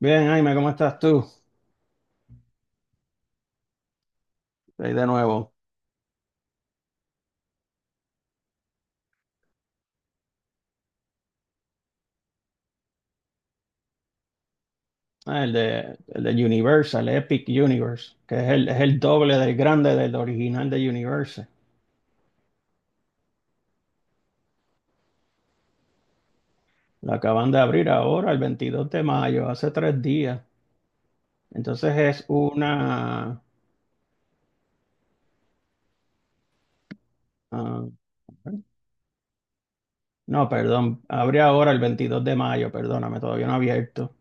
Bien, Jaime, ¿cómo estás tú? Ahí de nuevo. Ah, el de Universal, Epic Universe, que es es el doble del grande del original de Universal. Lo acaban de abrir ahora, el 22 de mayo, hace 3 días. Entonces es una... ah, no, perdón, abre ahora el 22 de mayo, perdóname, todavía no ha abierto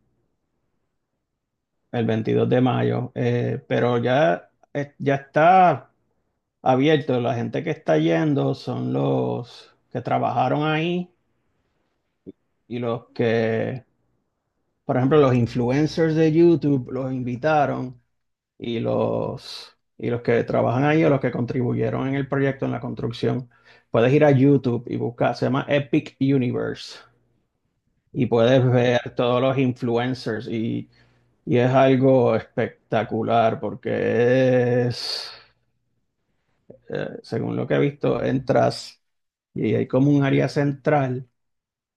el 22 de mayo, pero ya, ya está abierto. La gente que está yendo son los que trabajaron ahí y los que, por ejemplo, los influencers de YouTube los invitaron y los que trabajan ahí o los que contribuyeron en el proyecto, en la construcción, puedes ir a YouTube y buscar, se llama Epic Universe y puedes ver todos los influencers y es algo espectacular según lo que he visto, entras y hay como un área central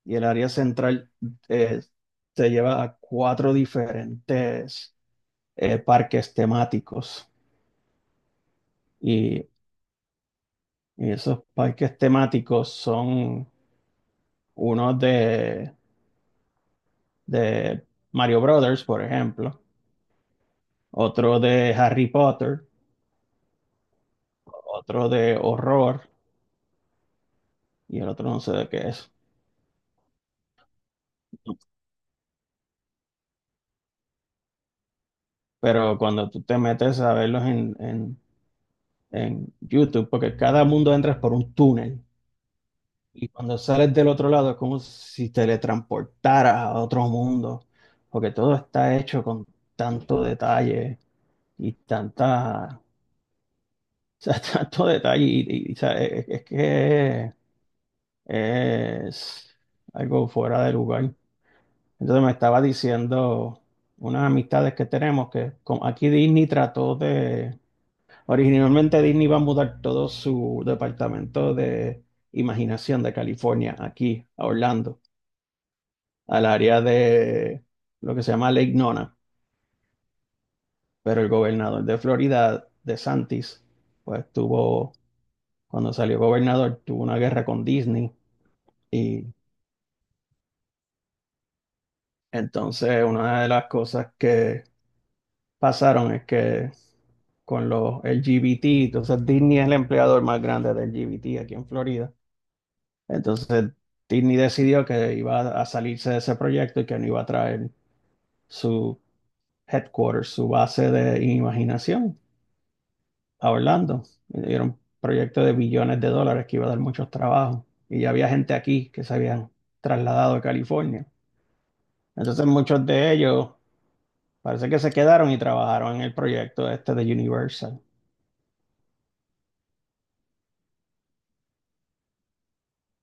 y el área central eh, te lleva a cuatro diferentes parques temáticos. Y, y esos parques temáticos son uno de Mario Brothers, por ejemplo, otro de Harry Potter, otro de horror y el otro no sé de qué es. Pero cuando tú te metes a verlos en YouTube, porque cada mundo entras por un túnel. Y cuando sales del otro lado es como si te teletransportaras a otro mundo, porque todo está hecho con tanto detalle y tanta, o sea, tanto detalle o sea, es que es algo fuera de lugar. Entonces me estaba diciendo unas amistades que tenemos que como aquí Disney trató de... Originalmente Disney iba a mudar todo su departamento de imaginación de California aquí a Orlando, al área de lo que se llama Lake Nona, pero el gobernador de Florida, DeSantis, pues tuvo, cuando salió gobernador, tuvo una guerra con Disney. Y entonces una de las cosas que pasaron es que con los LGBT, entonces Disney es el empleador más grande de LGBT aquí en Florida. Entonces, Disney decidió que iba a salirse de ese proyecto y que no iba a traer su headquarters, su base de imaginación a Orlando. Era un proyecto de billones de dólares que iba a dar muchos trabajos. Y ya había gente aquí que se habían trasladado a California. Entonces, muchos de ellos parece que se quedaron y trabajaron en el proyecto este de Universal.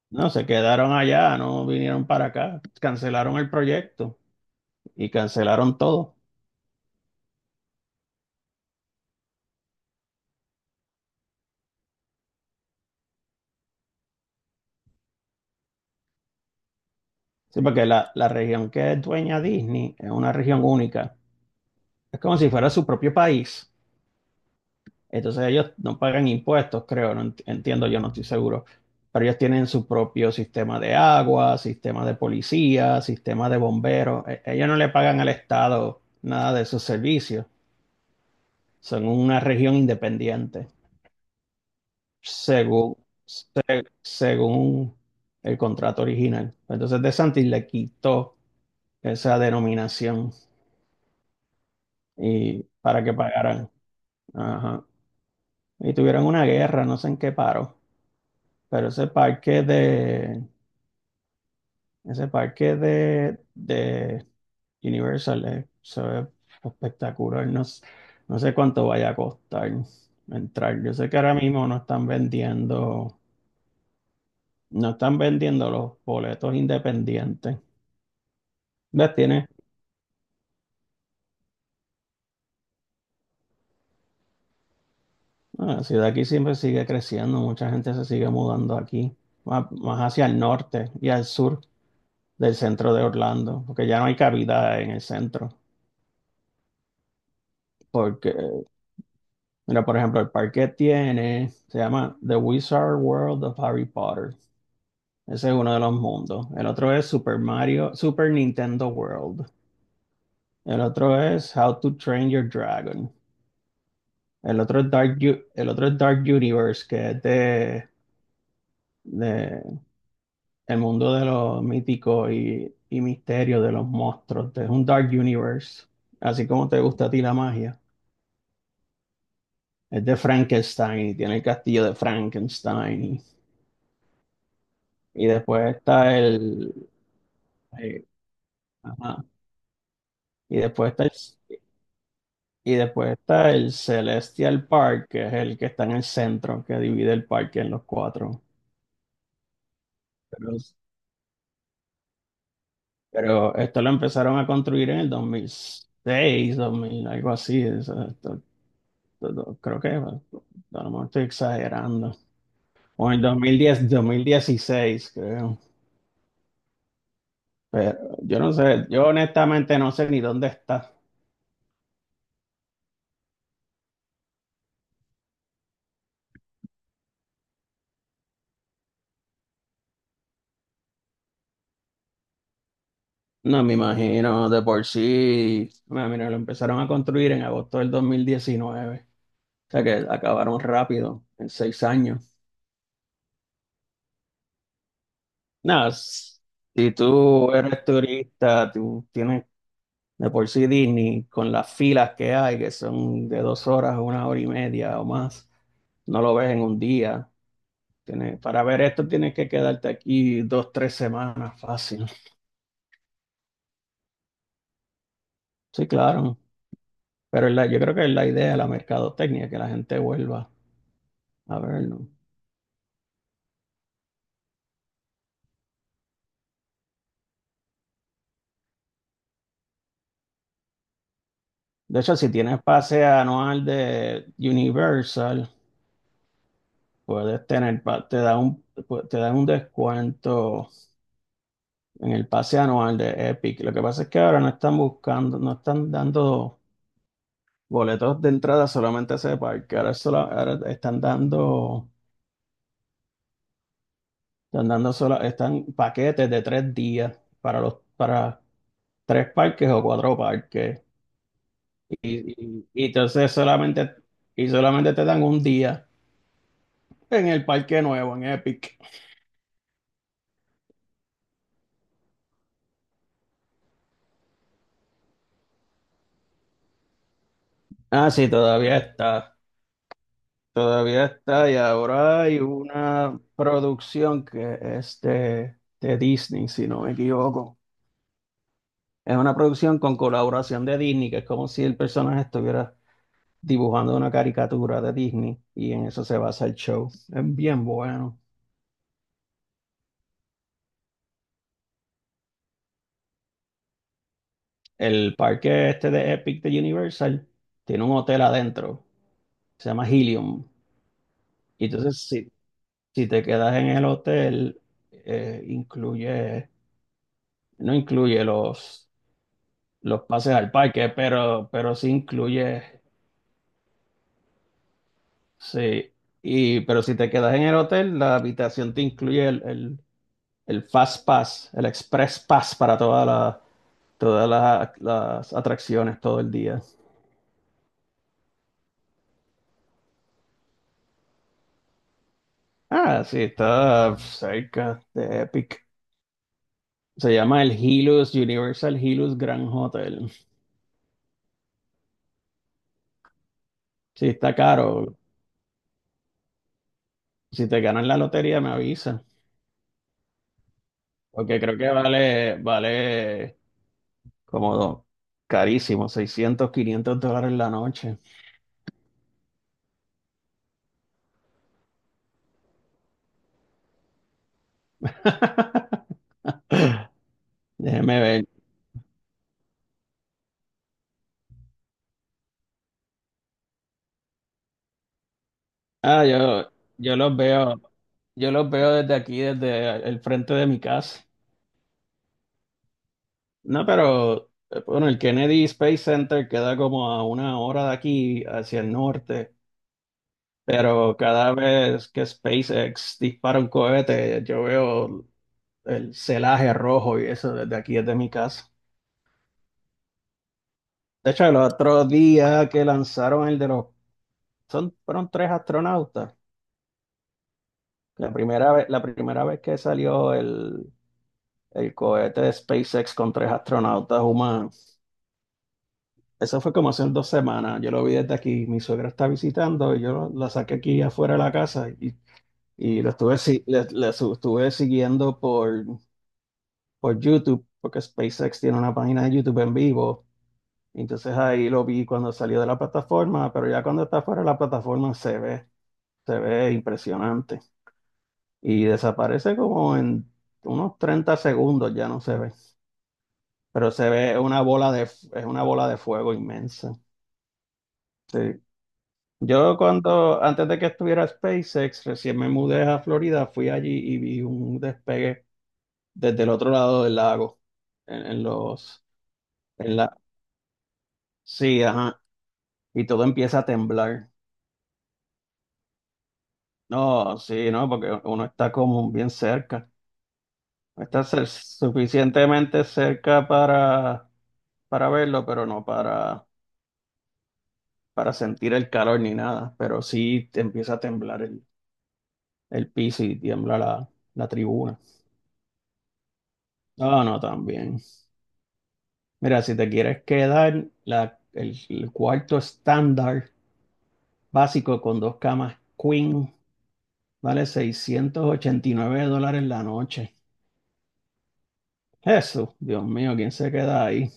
No, se quedaron allá, no vinieron para acá, cancelaron el proyecto y cancelaron todo. Sí, porque la región que es dueña Disney es una región única. Es como si fuera su propio país. Entonces ellos no pagan impuestos, creo, no entiendo, yo no estoy seguro. Pero ellos tienen su propio sistema de agua, sistema de policía, sistema de bomberos. Ellos no le pagan al Estado nada de sus servicios. Son una región independiente, según, según el contrato original. Entonces DeSantis le quitó esa denominación. Y para que pagaran. Ajá. Y tuvieron una guerra, no sé en qué paró, pero ese parque de, ese parque de Universal se ve espectacular. No sé cuánto vaya a costar entrar. Yo sé que ahora mismo no están vendiendo, no están vendiendo los boletos independientes. ¿Ves? Tiene... Ah, la ciudad aquí siempre sigue creciendo, mucha gente se sigue mudando aquí, más hacia el norte y al sur del centro de Orlando, porque ya no hay cabida en el centro. Porque, mira, por ejemplo, el parque tiene, se llama The Wizard World of Harry Potter. Ese es uno de los mundos. El otro es Super Mario, Super Nintendo World. El otro es How to Train Your Dragon. El otro es el otro es Dark Universe, que es de el mundo de los míticos y misterio de los monstruos. Es un Dark Universe, así como te gusta a ti la magia. Es de Frankenstein y tiene el castillo de Frankenstein. Y después está el... eh, ajá. Y después está el, y después está el Celestial Park, que es el que está en el centro, que divide el parque en los cuatro. Pero, pero esto lo empezaron a construir en el 2006, 2000, algo así. O sea, creo que bueno, a lo mejor estoy exagerando. O en 2010 2016 creo. Pero yo no sé, yo honestamente no sé ni dónde está. No, me imagino, de por sí, bueno, mira, lo empezaron a construir en agosto del 2019, o sea que acabaron rápido, en 6 años. Nada, s- Si tú eres turista, tú tienes de por sí Disney con las filas que hay, que son de 2 horas 1 hora y media o más, no lo ves en 1 día. Tienes... para ver esto tienes que quedarte aquí 2, 3 semanas fácil. Sí, claro, pero es yo creo que es la idea, la mercadotecnia, que la gente vuelva a verlo. De hecho, si tienes pase anual de Universal, puedes tener, te dan un descuento en el pase anual de Epic. Lo que pasa es que ahora no están buscando, no están dando boletos de entrada solamente a ese parque. Ahora están dando, están paquetes de 3 días para los, para tres parques o cuatro parques. Y, y, y entonces solamente, y solamente te dan 1 día en el parque nuevo, en Epic. Ah, sí, todavía está y ahora hay una producción que es de Disney, si no me equivoco. Es una producción con colaboración de Disney, que es como si el personaje estuviera dibujando una caricatura de Disney y en eso se basa el show. Es bien bueno. El parque este de Epic de Universal tiene un hotel adentro, se llama Helium. Y entonces, si te quedas en el hotel, incluye, no incluye los pases al parque, pero sí incluye, sí, y, pero si te quedas en el hotel, la habitación te incluye el Fast Pass, el Express Pass para toda todas las atracciones todo el día. Ah, sí, está cerca de Epic. Se llama el Hilux, Universal Hilux Grand Hotel. Sí, está caro. Si te ganas la lotería, me avisa. Porque creo que vale como carísimo, $600, $500 la noche. Déjeme ver. Ah, yo, yo los veo, yo los veo desde aquí, desde el frente de mi casa. No, pero bueno, el Kennedy Space Center queda como a 1 hora de aquí hacia el norte, pero cada vez que SpaceX dispara un cohete, yo veo el celaje rojo y eso desde aquí, desde mi casa. De hecho, el otro día que lanzaron el de los, son, fueron 3 astronautas. La primera vez que salió el... El cohete de SpaceX con 3 astronautas humanos. Eso fue como hace 2 semanas. Yo lo vi desde aquí. Mi suegra está visitando y yo la saqué aquí afuera de la casa y lo estuve, estuve siguiendo por YouTube, porque SpaceX tiene una página de YouTube en vivo. Entonces ahí lo vi cuando salió de la plataforma, pero ya cuando está fuera de la plataforma se ve impresionante. Y desaparece como en unos 30 segundos, ya no se ve. Pero se ve una bola de, es una bola de fuego inmensa. Sí. Yo cuando, antes de que estuviera SpaceX, recién me mudé a Florida, fui allí y vi un despegue desde el otro lado del lago, en los, en la, sí, ajá, y todo empieza a temblar. No, sí, no, porque uno está como bien cerca, suficientemente cerca para verlo, pero no para, para sentir el calor ni nada, pero sí te empieza a temblar el piso y tiembla la, la tribuna. No, no, también. Mira, si te quieres quedar, el cuarto estándar básico con dos camas queen vale $689 la noche. Jesús, Dios mío, ¿quién se queda ahí?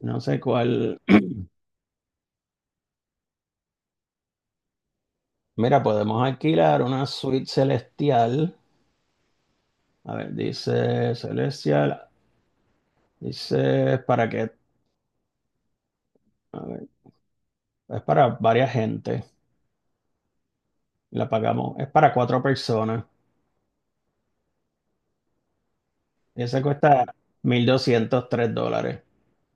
No sé cuál. Mira, podemos alquilar una suite celestial. A ver, dice celestial, dice para que, a ver, es para varias gente. La pagamos, es para cuatro personas. Esa cuesta $1203.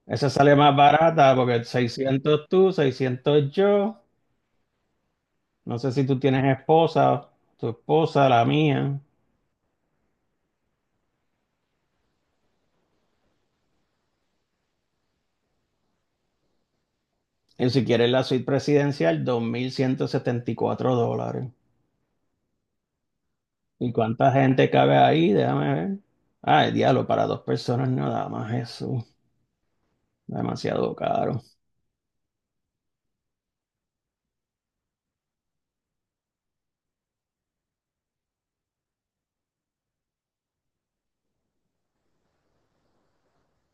Esa sale más barata porque 600 tú, 600 yo. No sé si tú tienes esposa, tu esposa, la mía. Y si quieres la suite presidencial, $2174. ¿Y cuánta gente cabe ahí? Déjame ver. Ay, diablo, para dos personas nada más eso. Demasiado caro.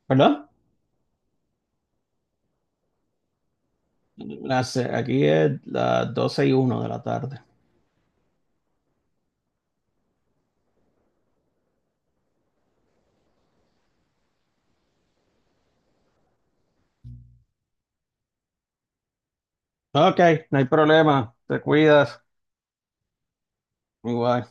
¿Perdón? Las... aquí es 12:01 de la tarde. Ok, no hay problema. Te cuidas. Igual.